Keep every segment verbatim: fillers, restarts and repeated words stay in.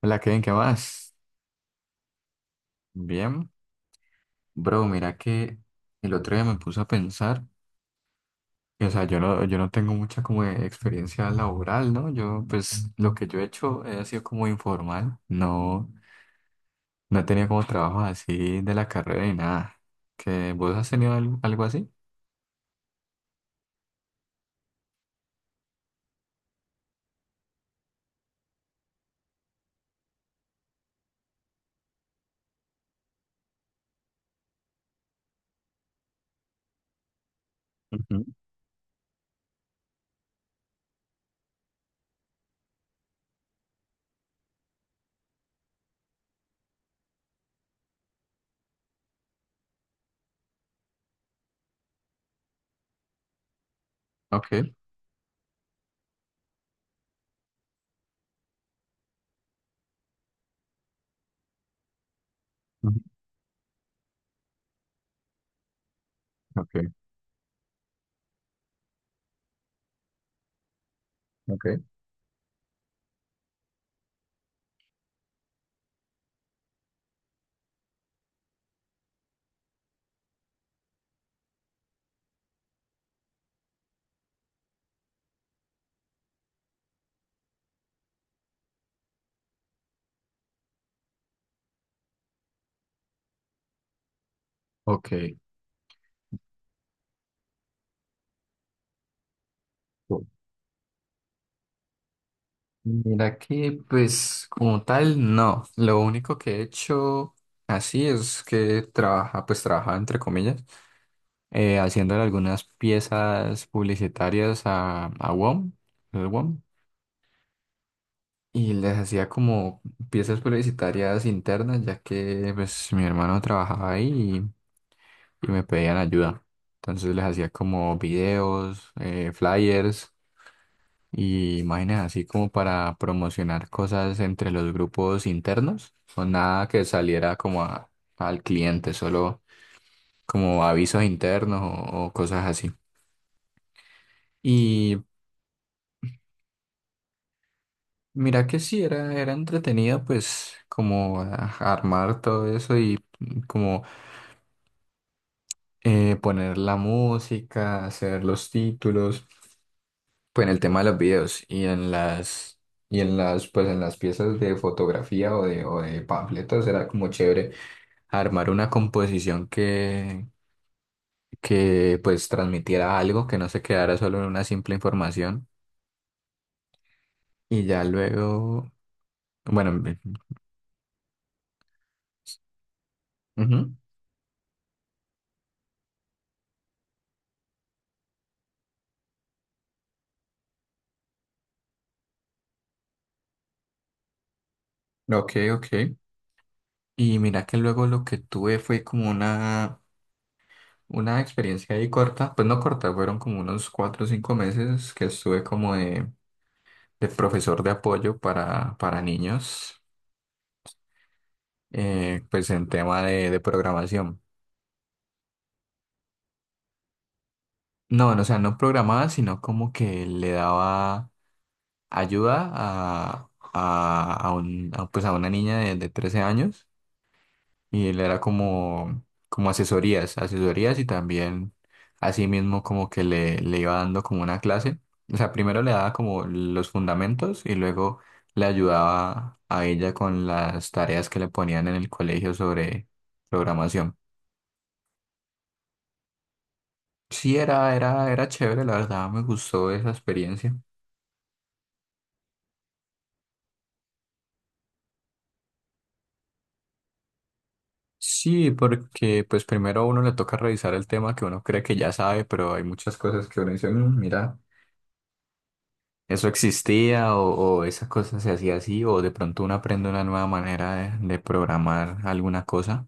Hola, Kevin, ¿qué más? Bien, bro, mira que el otro día me puse a pensar, o sea, yo no, yo no tengo mucha como de experiencia laboral, ¿no? Yo, pues, lo que yo he hecho ha sido como informal, no, no he tenido como trabajo así de la carrera ni nada. ¿Que vos has tenido al- algo, así? Ujú. Ok, ujú. Ok, ok, ok. Cool. Mira que, pues, como tal, no. Lo único que he hecho así es que trabaja, pues, trabajaba entre comillas, eh, haciéndole algunas piezas publicitarias a, a W O M, el W O M, y les hacía como piezas publicitarias internas, ya que pues mi hermano trabajaba ahí y, y me pedían ayuda. Entonces les hacía como videos, eh, flyers y imágenes así como para promocionar cosas entre los grupos internos, o nada que saliera como a- al cliente, solo como avisos internos o o cosas así. Y mira que sí, era, era entretenida pues como ah, armar todo eso y mm, como eh, poner la música, hacer los títulos, pues en el tema de los videos y en las y en las pues en las piezas de fotografía o de, o de panfletos era como chévere armar una composición que, que pues transmitiera algo, que no se quedara solo en una simple información. Y ya luego, bueno, me- ujú, ok, ok. Y mira que luego lo que tuve fue como una, una experiencia ahí corta, pues no corta, fueron como unos cuatro o cinco meses que estuve como de, de profesor de apoyo para, para niños, eh, pues en tema de, de programación. No, no, o sea, no programaba, sino como que le daba ayuda a, a, a un, a, pues a una niña de, de trece años. Y él era como, como asesorías, asesorías y también así mismo como que le, le iba dando como una clase. O sea, primero le daba como los fundamentos y luego le ayudaba a ella con las tareas que le ponían en el colegio sobre programación. Sí, era, era, era chévere, la verdad, me gustó esa experiencia. Sí, porque pues primero a uno le toca revisar el tema que uno cree que ya sabe, pero hay muchas cosas que uno dice, "Mm, mira. ¿Eso existía o, o esas cosas se hacía así? ¿O de pronto uno aprende una nueva manera de, de programar alguna cosa?"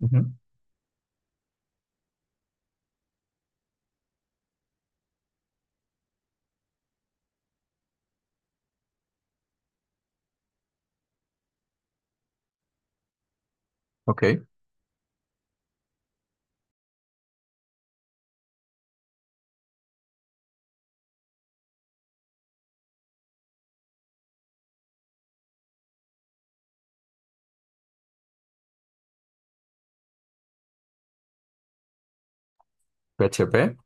Ujú. Ok. ¿P H P?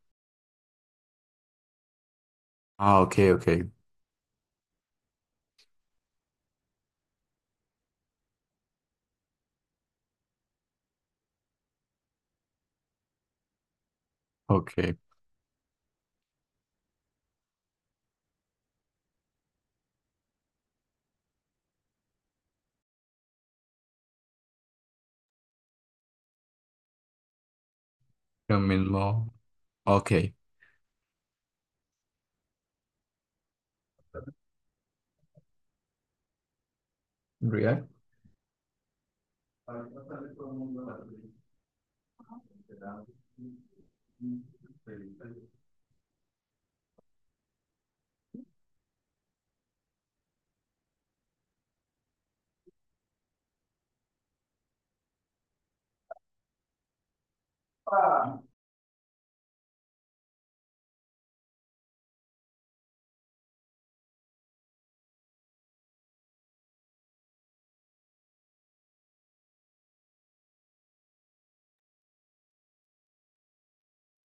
Ah, ok, ok, ok. Lo mismo. Ok. React.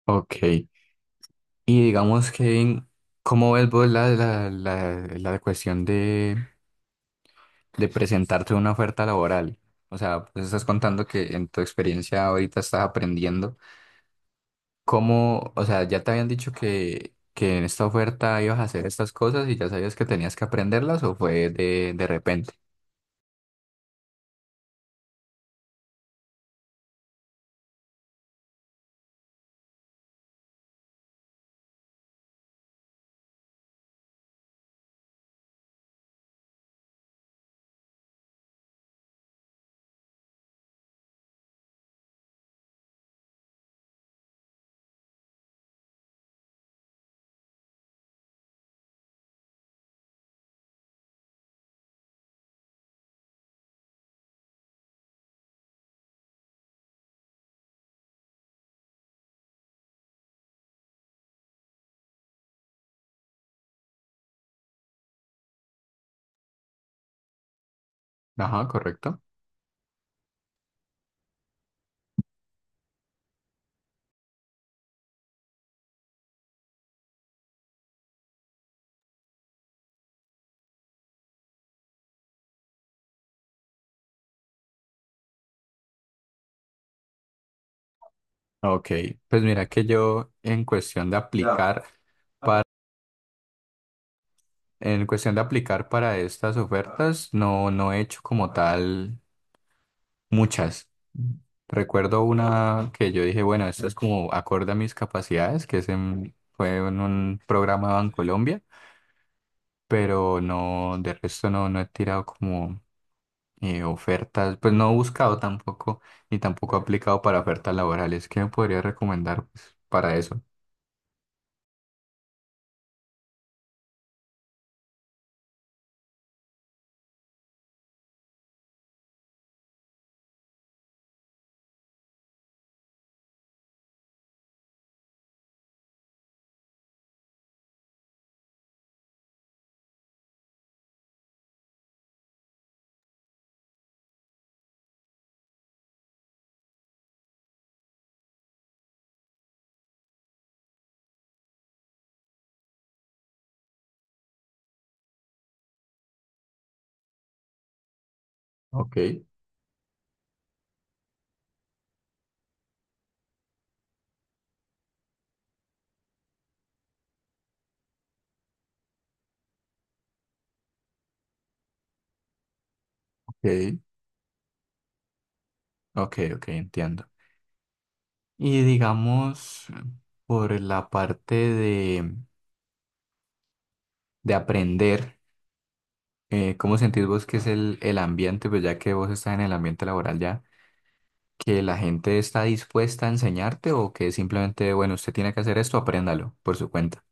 Ok, y digamos que, ¿cómo ves vos la, la, la, la cuestión de, de presentarte una oferta laboral? O sea, pues estás contando que en tu experiencia ahorita estás aprendiendo cómo, o sea, ya te habían dicho que, que en esta oferta ibas a hacer estas cosas y ya sabías que tenías que aprenderlas o fue de, de repente. Ajá, correcto. Ok, pues mira que yo en cuestión de aplicar, en cuestión de aplicar para estas ofertas, no, no he hecho como tal muchas. Recuerdo una que yo dije, bueno, esto es como acorde a mis capacidades, que es en- fue en un programa de Colombia, pero no, de resto no, no he tirado como eh, ofertas, pues no he buscado tampoco, ni tampoco he aplicado para ofertas laborales. ¿Qué me podría recomendar pues, para eso? Ok, ok, ok, ok, entiendo. Y digamos, por la parte de, de aprender, eh, ¿cómo sentís vos que es el, el ambiente, pues ya que vos estás en el ambiente laboral ya, que la gente está dispuesta a enseñarte o que simplemente, bueno, usted tiene que hacer esto, apréndalo por su cuenta?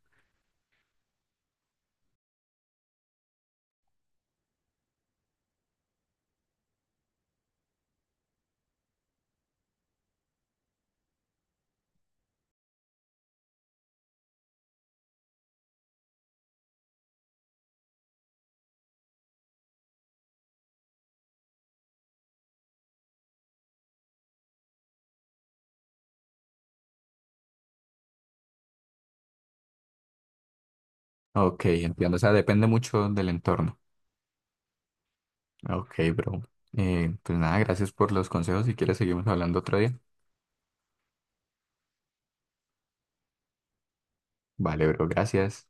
Ok, entiendo, o sea, depende mucho del entorno. Ok, bro. Eh, pues nada, gracias por los consejos. Si quieres, seguimos hablando otro día. Vale, bro, gracias.